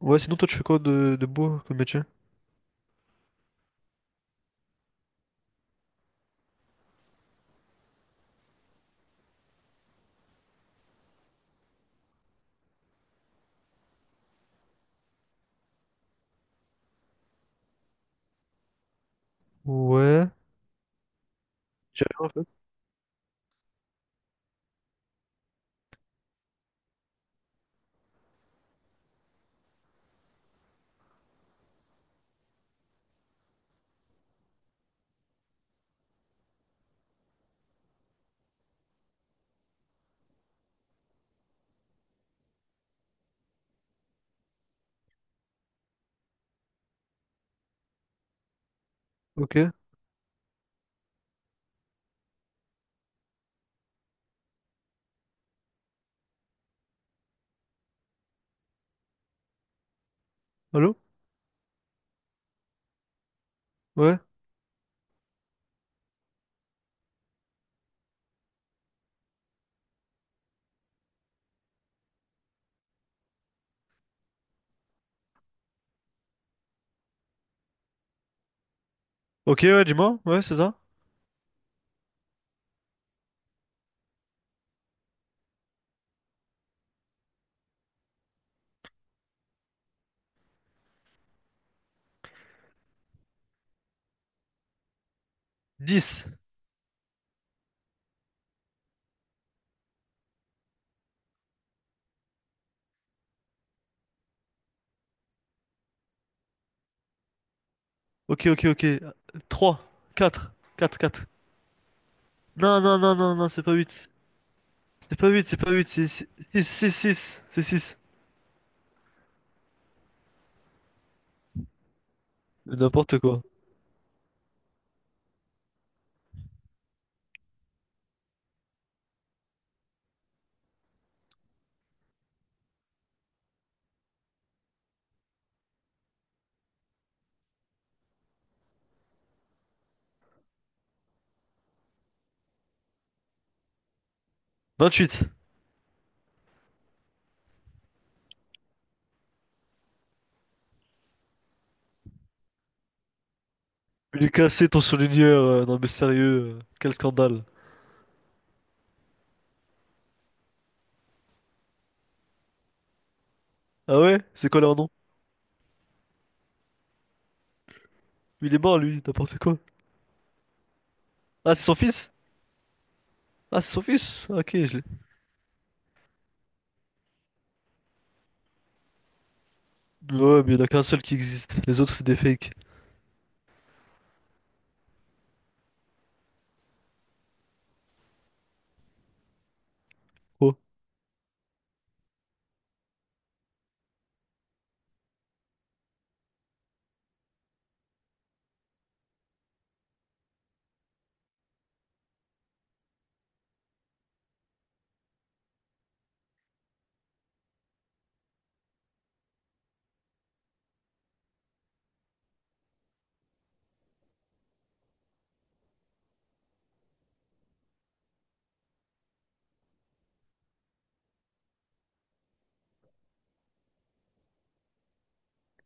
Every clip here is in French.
Ouais, sinon toi tu fais quoi de beau comme métier? Ouais. J'ai rien en fait. Ok. Allô? Ouais. Ok, ouais, dis-moi. Ouais, c'est ça. 10. Ok, ok, ok. Trois. Quatre, quatre, quatre. Non, non, non, non, non, c'est pas huit. C'est pas huit, c'est pas huit, c'est 6, c'est six, c'est six. N'importe quoi. 28. Il est cassé ton surligneur, non mais sérieux, quel scandale. Ah ouais? C'est quoi leur nom? Il est mort lui, n'importe quoi. Ah, c'est son fils? Ah, c'est son fils? Ok, je l'ai. Ouais, mais il y en a qu'un seul qui existe. Les autres, c'est des fakes. Oh.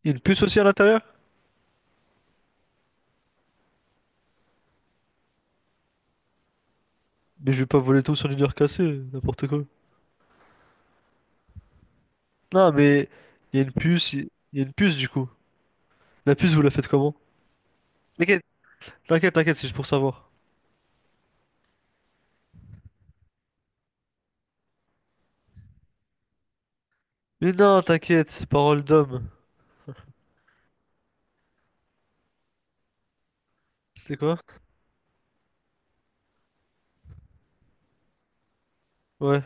Il y a une puce aussi à l'intérieur? Mais je vais pas voler tout sur une heure cassée, n'importe quoi. Non, mais il y a une puce, il y a une puce du coup. La puce, vous la faites comment? T'inquiète, t'inquiète, t'inquiète, c'est juste pour savoir. Mais non, t'inquiète, parole d'homme. C'était quoi? Ouais.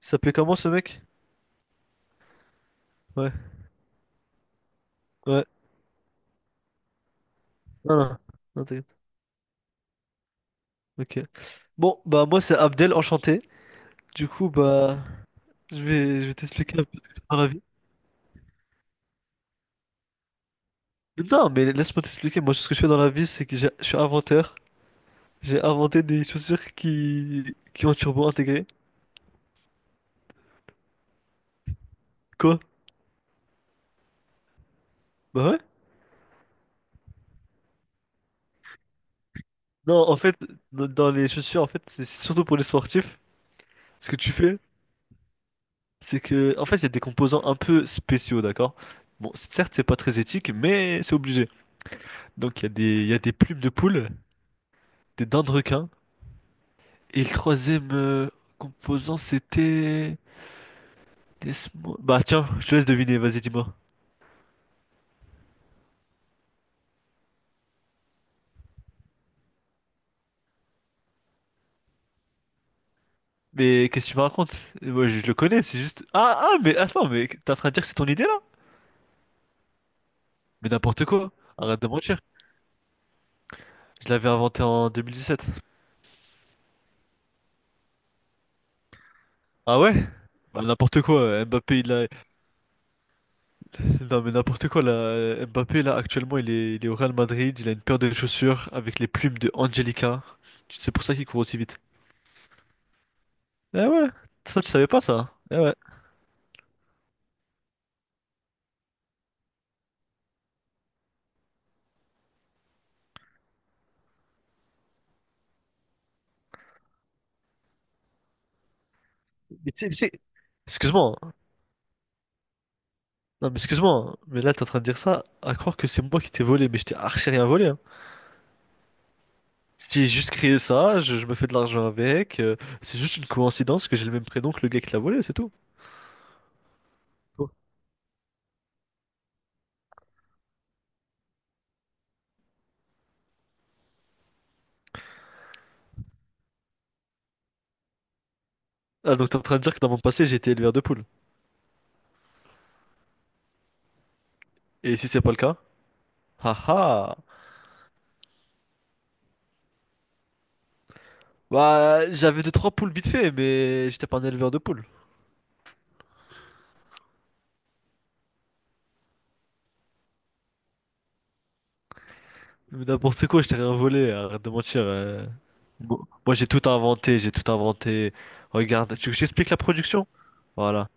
Il s'appelait comment ce mec? Ouais, ouais. Non, non, non, t'inquiète. Ok. Bon, bah moi c'est Abdel, enchanté. Du coup, bah je vais t'expliquer un peu ce que je fais dans la vie. Non, mais laisse-moi t'expliquer. Moi, ce que je fais dans la vie, c'est que je suis inventeur. J'ai inventé des chaussures qui ont un turbo intégré. Quoi? Bah ouais. Non, en fait, dans les chaussures, en fait, c'est surtout pour les sportifs. Ce que tu fais, c'est que, en fait, il y a des composants un peu spéciaux, d'accord? Bon, certes, c'est pas très éthique, mais c'est obligé. Donc, il y a des plumes de poule, des dents de requin. Et le troisième composant, c'était. Laisse-moi. Bah tiens, je te laisse deviner, vas-y, dis-moi. Mais qu'est-ce que tu me racontes? Moi, je le connais, c'est juste. Ah, ah, mais attends, mais t'es en train de dire que c'est ton idée, là? Mais n'importe quoi, arrête de mentir. Je l'avais inventé en 2017. Ah ouais? Bah, n'importe quoi, Mbappé il a. Non mais n'importe quoi, là. Mbappé là actuellement il est au Real Madrid, il a une paire de chaussures avec les plumes de Angelica. C'est pour ça qu'il court aussi vite. Eh ouais, ça tu savais pas ça. Eh ouais. Mais tu- mais c'est- Excuse-moi, hein. Non mais excuse-moi, hein, mais là t'es en train de dire ça à croire que c'est moi qui t'ai volé, mais je t'ai archi rien volé, hein. J'ai juste créé ça, je me fais de l'argent avec, c'est juste une coïncidence que j'ai le même prénom que le gars qui l'a volé, c'est tout. Ah, donc t'es en train de dire que dans mon passé, j'étais éleveur de poules. Et si c'est pas le cas? Haha! Bah, j'avais deux trois poules vite fait, mais j'étais pas un éleveur de poules. Mais d'abord, c'est quoi? Je t'ai rien volé, hein, arrête de mentir. Bon, moi, j'ai tout inventé, j'ai tout inventé. Regarde, tu veux que je t'explique la production? Voilà.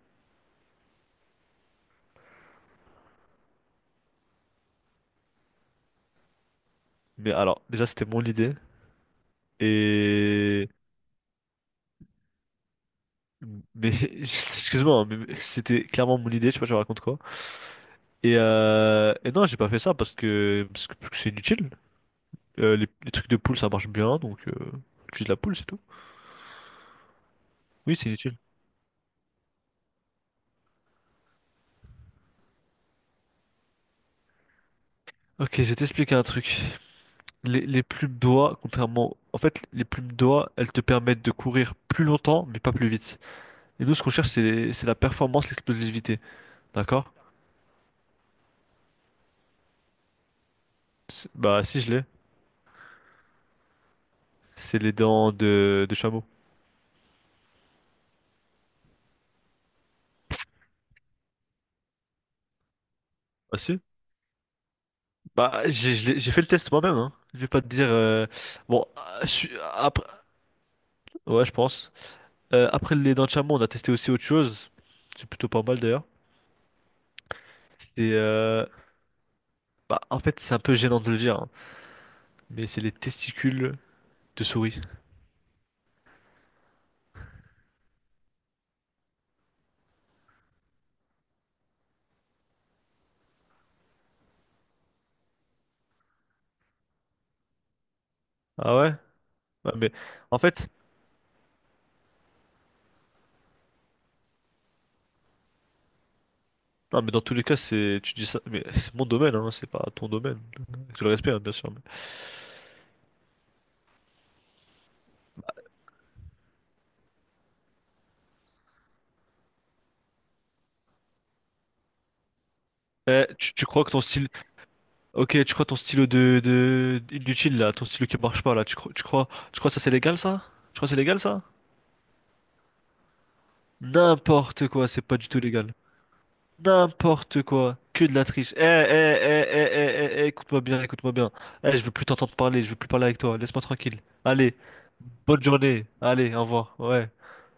Mais alors, déjà, c'était mon idée. Et. Mais, excuse-moi, mais c'était clairement mon idée, je sais pas, je raconte quoi. Et non, j'ai pas fait ça parce que c'est inutile. Les trucs de poule, ça marche bien, donc, utilise la poule, c'est tout. Oui, c'est inutile. Ok, je vais t'expliquer un truc. Les plumes d'oie, contrairement. En fait, les plumes d'oie, elles te permettent de courir plus longtemps, mais pas plus vite. Et nous, ce qu'on cherche, c'est la performance, l'explosivité. D'accord? Bah, si, je l'ai. C'est les dents de chameau. Ah si? Bah, j'ai fait le test moi-même, hein. Je vais pas te dire. Bon, après. Ouais, je pense. Après les dents de chameau, on a testé aussi autre chose. C'est plutôt pas mal, d'ailleurs. Et, bah, en fait, c'est un peu gênant de le dire, hein, mais c'est les testicules de souris. Ah ouais? Ouais, mais en fait, non, mais dans tous les cas, c'est tu dis ça, mais c'est mon domaine, hein, c'est pas ton domaine. Avec tout le respect, hein, bien sûr. Eh, tu crois que ton style, ok, tu crois ton stylo de inutile là, ton stylo qui marche pas là, tu crois que ça c'est légal ça? Tu crois que c'est légal ça? N'importe quoi, c'est pas du tout légal. N'importe quoi, que de la triche. Eh, eh, eh, eh, eh, eh, eh, écoute-moi bien, écoute-moi bien. Eh, je veux plus t'entendre parler, je veux plus parler avec toi. Laisse-moi tranquille. Allez, bonne journée. Allez, au revoir. Ouais.